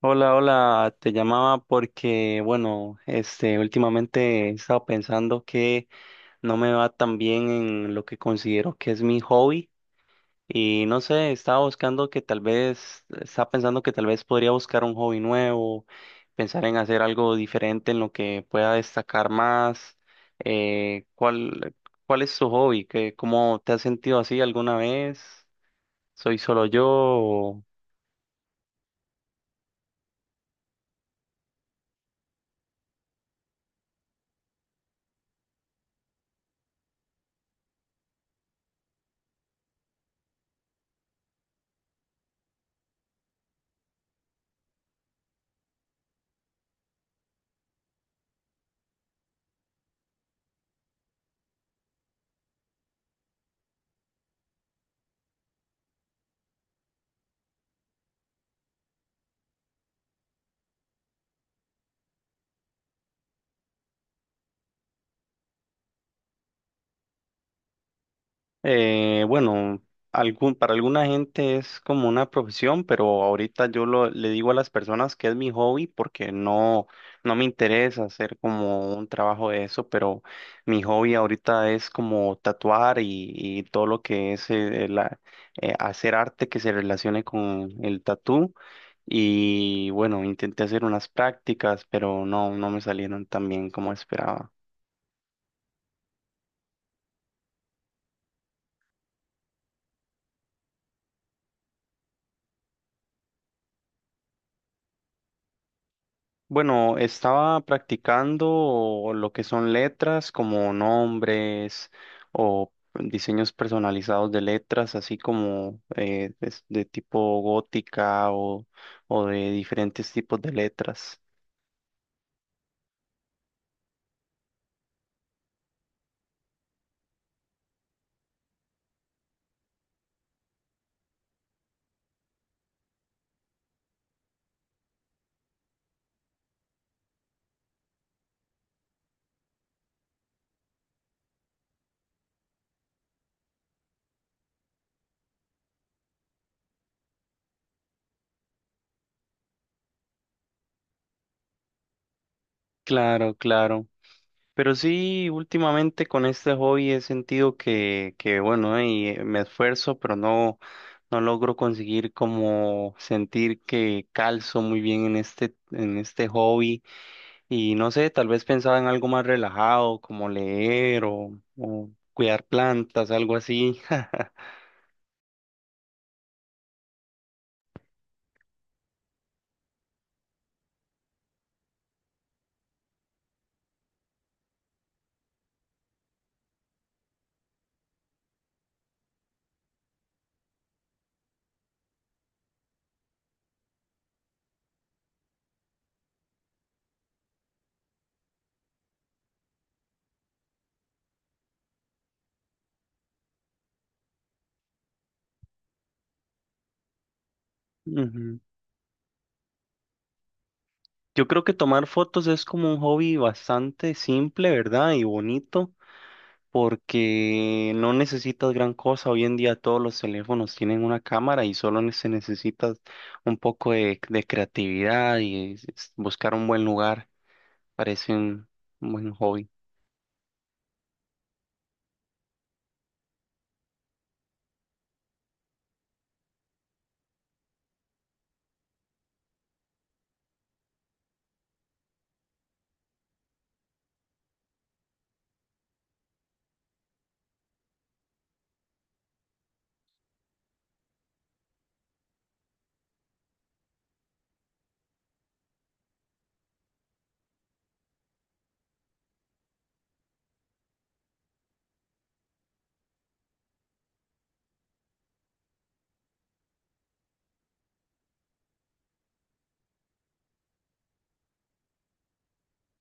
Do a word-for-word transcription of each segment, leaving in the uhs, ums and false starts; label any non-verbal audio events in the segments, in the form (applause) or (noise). Hola, hola, te llamaba porque, bueno, este, últimamente he estado pensando que no me va tan bien en lo que considero que es mi hobby y no sé, estaba buscando que tal vez, estaba pensando que tal vez podría buscar un hobby nuevo, pensar en hacer algo diferente en lo que pueda destacar más. Eh, ¿cuál, cuál es tu hobby? ¿Qué, cómo te has sentido así alguna vez? ¿Soy solo yo? Eh, bueno, algún, para alguna gente es como una profesión, pero ahorita yo lo, le digo a las personas que es mi hobby porque no, no me interesa hacer como un trabajo de eso, pero mi hobby ahorita es como tatuar y, y todo lo que es eh, eh, la- eh, hacer arte que se relacione con el tatú. Y bueno, intenté hacer unas prácticas, pero no, no me salieron tan bien como esperaba. Bueno, estaba practicando lo que son letras como nombres o diseños personalizados de letras, así como eh, es- de, tipo gótica o, o de diferentes tipos de letras. Claro, claro. Pero sí, últimamente con este hobby he sentido que, que bueno, y eh, me esfuerzo, pero no, no logro conseguir como sentir que calzo muy bien en este, en este hobby. Y no sé, tal vez pensaba en algo más relajado, como leer o, o cuidar plantas, algo así. (laughs) Ujú. Yo creo que tomar fotos es como un hobby bastante simple, ¿verdad? Y bonito. Porque no necesitas gran cosa. Hoy en día todos los teléfonos tienen una cámara y solo ne- se necesita un poco de, de creatividad y es- buscar un buen lugar. Parece un un buen hobby.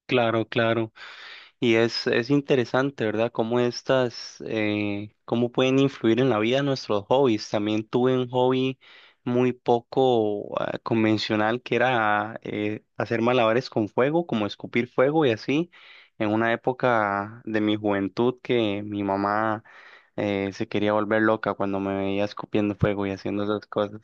Claro, claro. Y es, es interesante, ¿verdad? Cómo estas, eh, cómo pueden influir en la vida de nuestros hobbies. También tuve un hobby muy poco, ah, convencional que era eh, hacer malabares con fuego, como escupir fuego y así. En una época de mi juventud que mi mamá eh, se quería volver loca cuando me veía escupiendo fuego y haciendo esas cosas.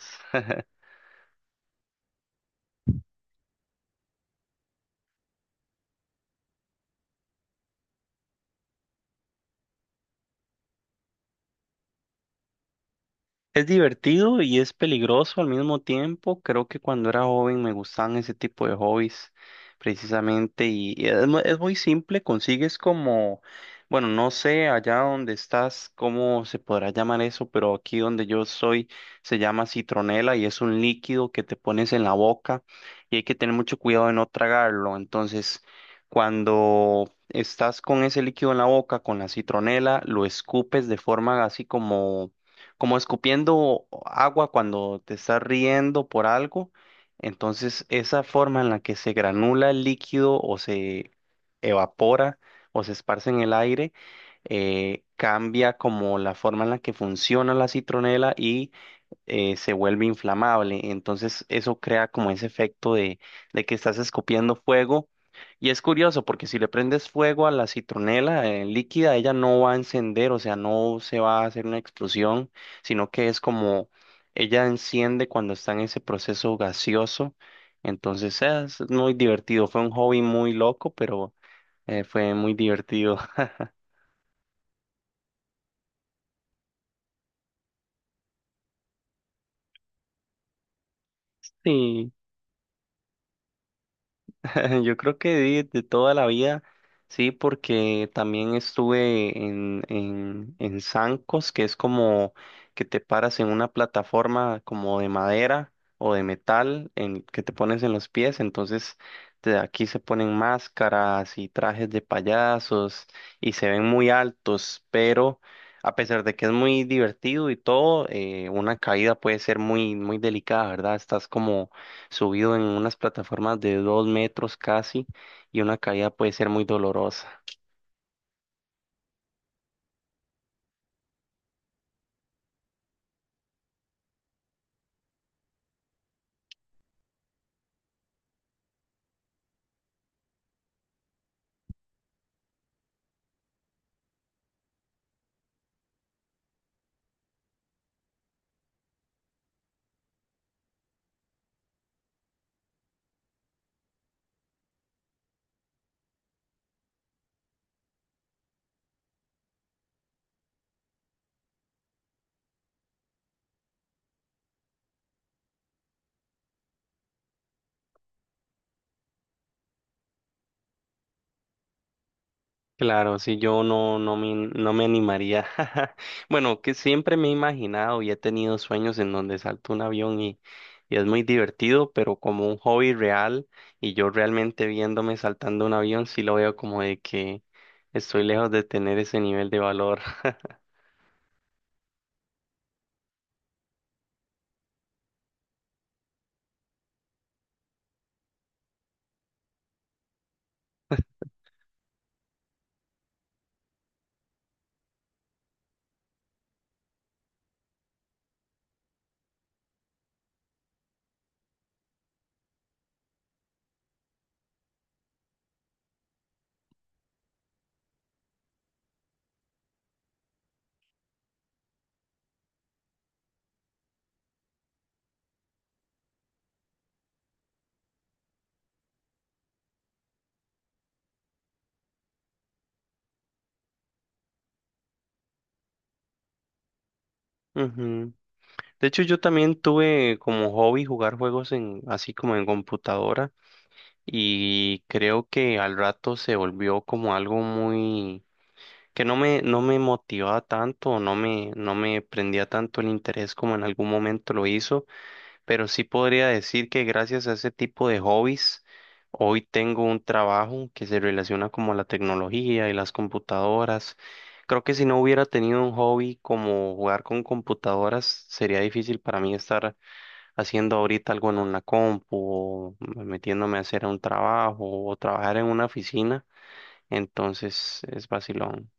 Es divertido y es peligroso al mismo tiempo. Creo que cuando era joven me gustaban ese tipo de hobbies precisamente y y es, mu- es muy simple, consigues como, bueno, no sé allá donde estás, cómo se podrá llamar eso, pero aquí donde yo soy se llama citronela y es un líquido que te pones en la boca y hay que tener mucho cuidado de no tragarlo. Entonces, cuando estás con ese líquido en la boca, con la citronela, lo escupes de forma así como como escupiendo agua cuando te estás riendo por algo. Entonces, esa forma en la que se granula el líquido o se evapora o se esparce en el aire, eh, cambia como la forma en la que funciona la citronela y eh, se vuelve inflamable. Entonces eso crea como ese efecto de, de que estás escupiendo fuego. Y es curioso porque si le prendes fuego a la citronela eh, líquida, ella no va a encender, o sea, no se va a hacer una explosión, sino que es como ella enciende cuando está en ese proceso gaseoso. Entonces es muy divertido, fue un hobby muy loco, pero eh, fue muy divertido. (laughs) Sí. (laughs) Yo creo que de, de toda la vida, sí, porque también estuve en, en, en zancos, que es como que te paras en una plataforma como de madera o de metal en, que te pones en los pies, entonces te- aquí se ponen máscaras y trajes de payasos y se ven muy altos, pero a pesar de que es muy divertido y todo, eh, una caída puede ser muy, muy delicada, ¿verdad? Estás como subido en unas plataformas de dos metros casi y una caída puede ser muy dolorosa. Claro, sí, yo no, no me, no me animaría. (laughs) Bueno, que siempre me he imaginado y he tenido sueños en donde salto un avión y, y es muy divertido, pero como un hobby real y yo realmente viéndome saltando un avión, sí lo veo como de que estoy lejos de tener ese nivel de valor. (laughs) Ujú. De hecho, yo también tuve como hobby jugar juegos en, así como en computadora. Y creo que al rato se volvió como algo muy que no me no me motivaba tanto, no me no me prendía tanto el interés como en algún momento lo hizo, pero sí podría decir que gracias a ese tipo de hobbies hoy tengo un trabajo que se relaciona como a la tecnología y las computadoras. Creo que si no hubiera tenido un hobby como jugar con computadoras, sería difícil para mí estar haciendo ahorita algo en una compu o metiéndome a hacer un trabajo o trabajar en una oficina, entonces es vacilón.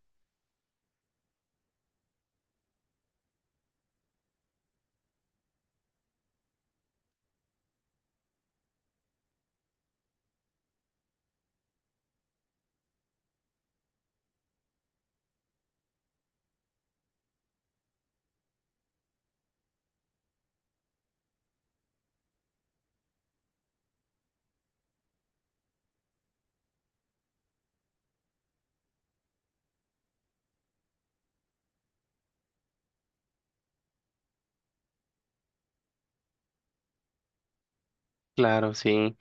Claro, sí.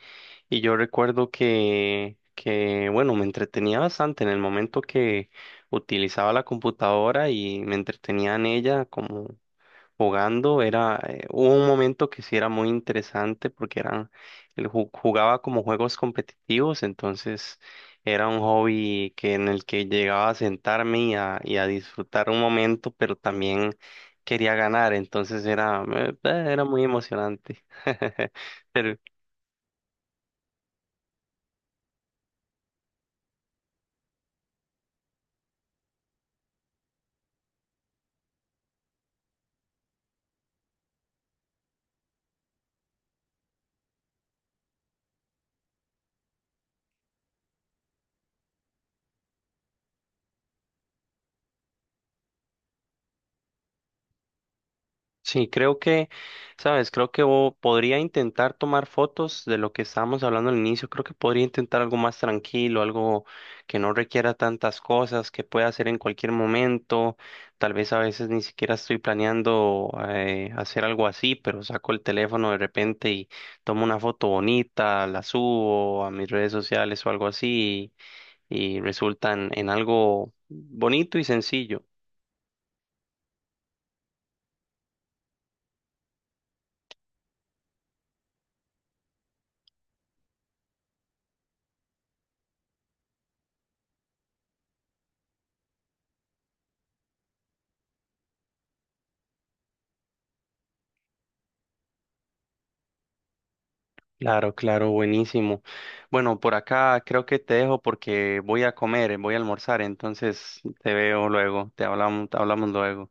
Y yo recuerdo que, que, bueno, me entretenía bastante en el momento que utilizaba la computadora y me entretenía en ella como jugando era eh, hubo un momento que sí era muy interesante porque eran él ju- jugaba como juegos competitivos, entonces era un hobby que en el que llegaba a sentarme y a, y a disfrutar un momento, pero también quería ganar, entonces era eh, era muy emocionante. (laughs) Pero sí, creo que, sabes, creo que o- podría intentar tomar fotos de lo que estábamos hablando al inicio. Creo que podría intentar algo más tranquilo, algo que no requiera tantas cosas, que pueda hacer en cualquier momento. Tal vez a veces ni siquiera estoy planeando eh, hacer algo así, pero saco el teléfono de repente y tomo una foto bonita, la subo a mis redes sociales o algo así y, y resulta en en algo bonito y sencillo. Claro, claro, buenísimo. Bueno, por acá creo que te dejo porque voy a comer, voy a almorzar, entonces te veo luego, te hablamos, te hablamos luego.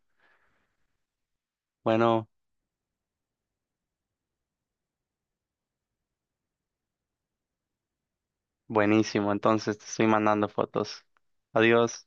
Bueno, buenísimo, entonces te estoy mandando fotos. Adiós.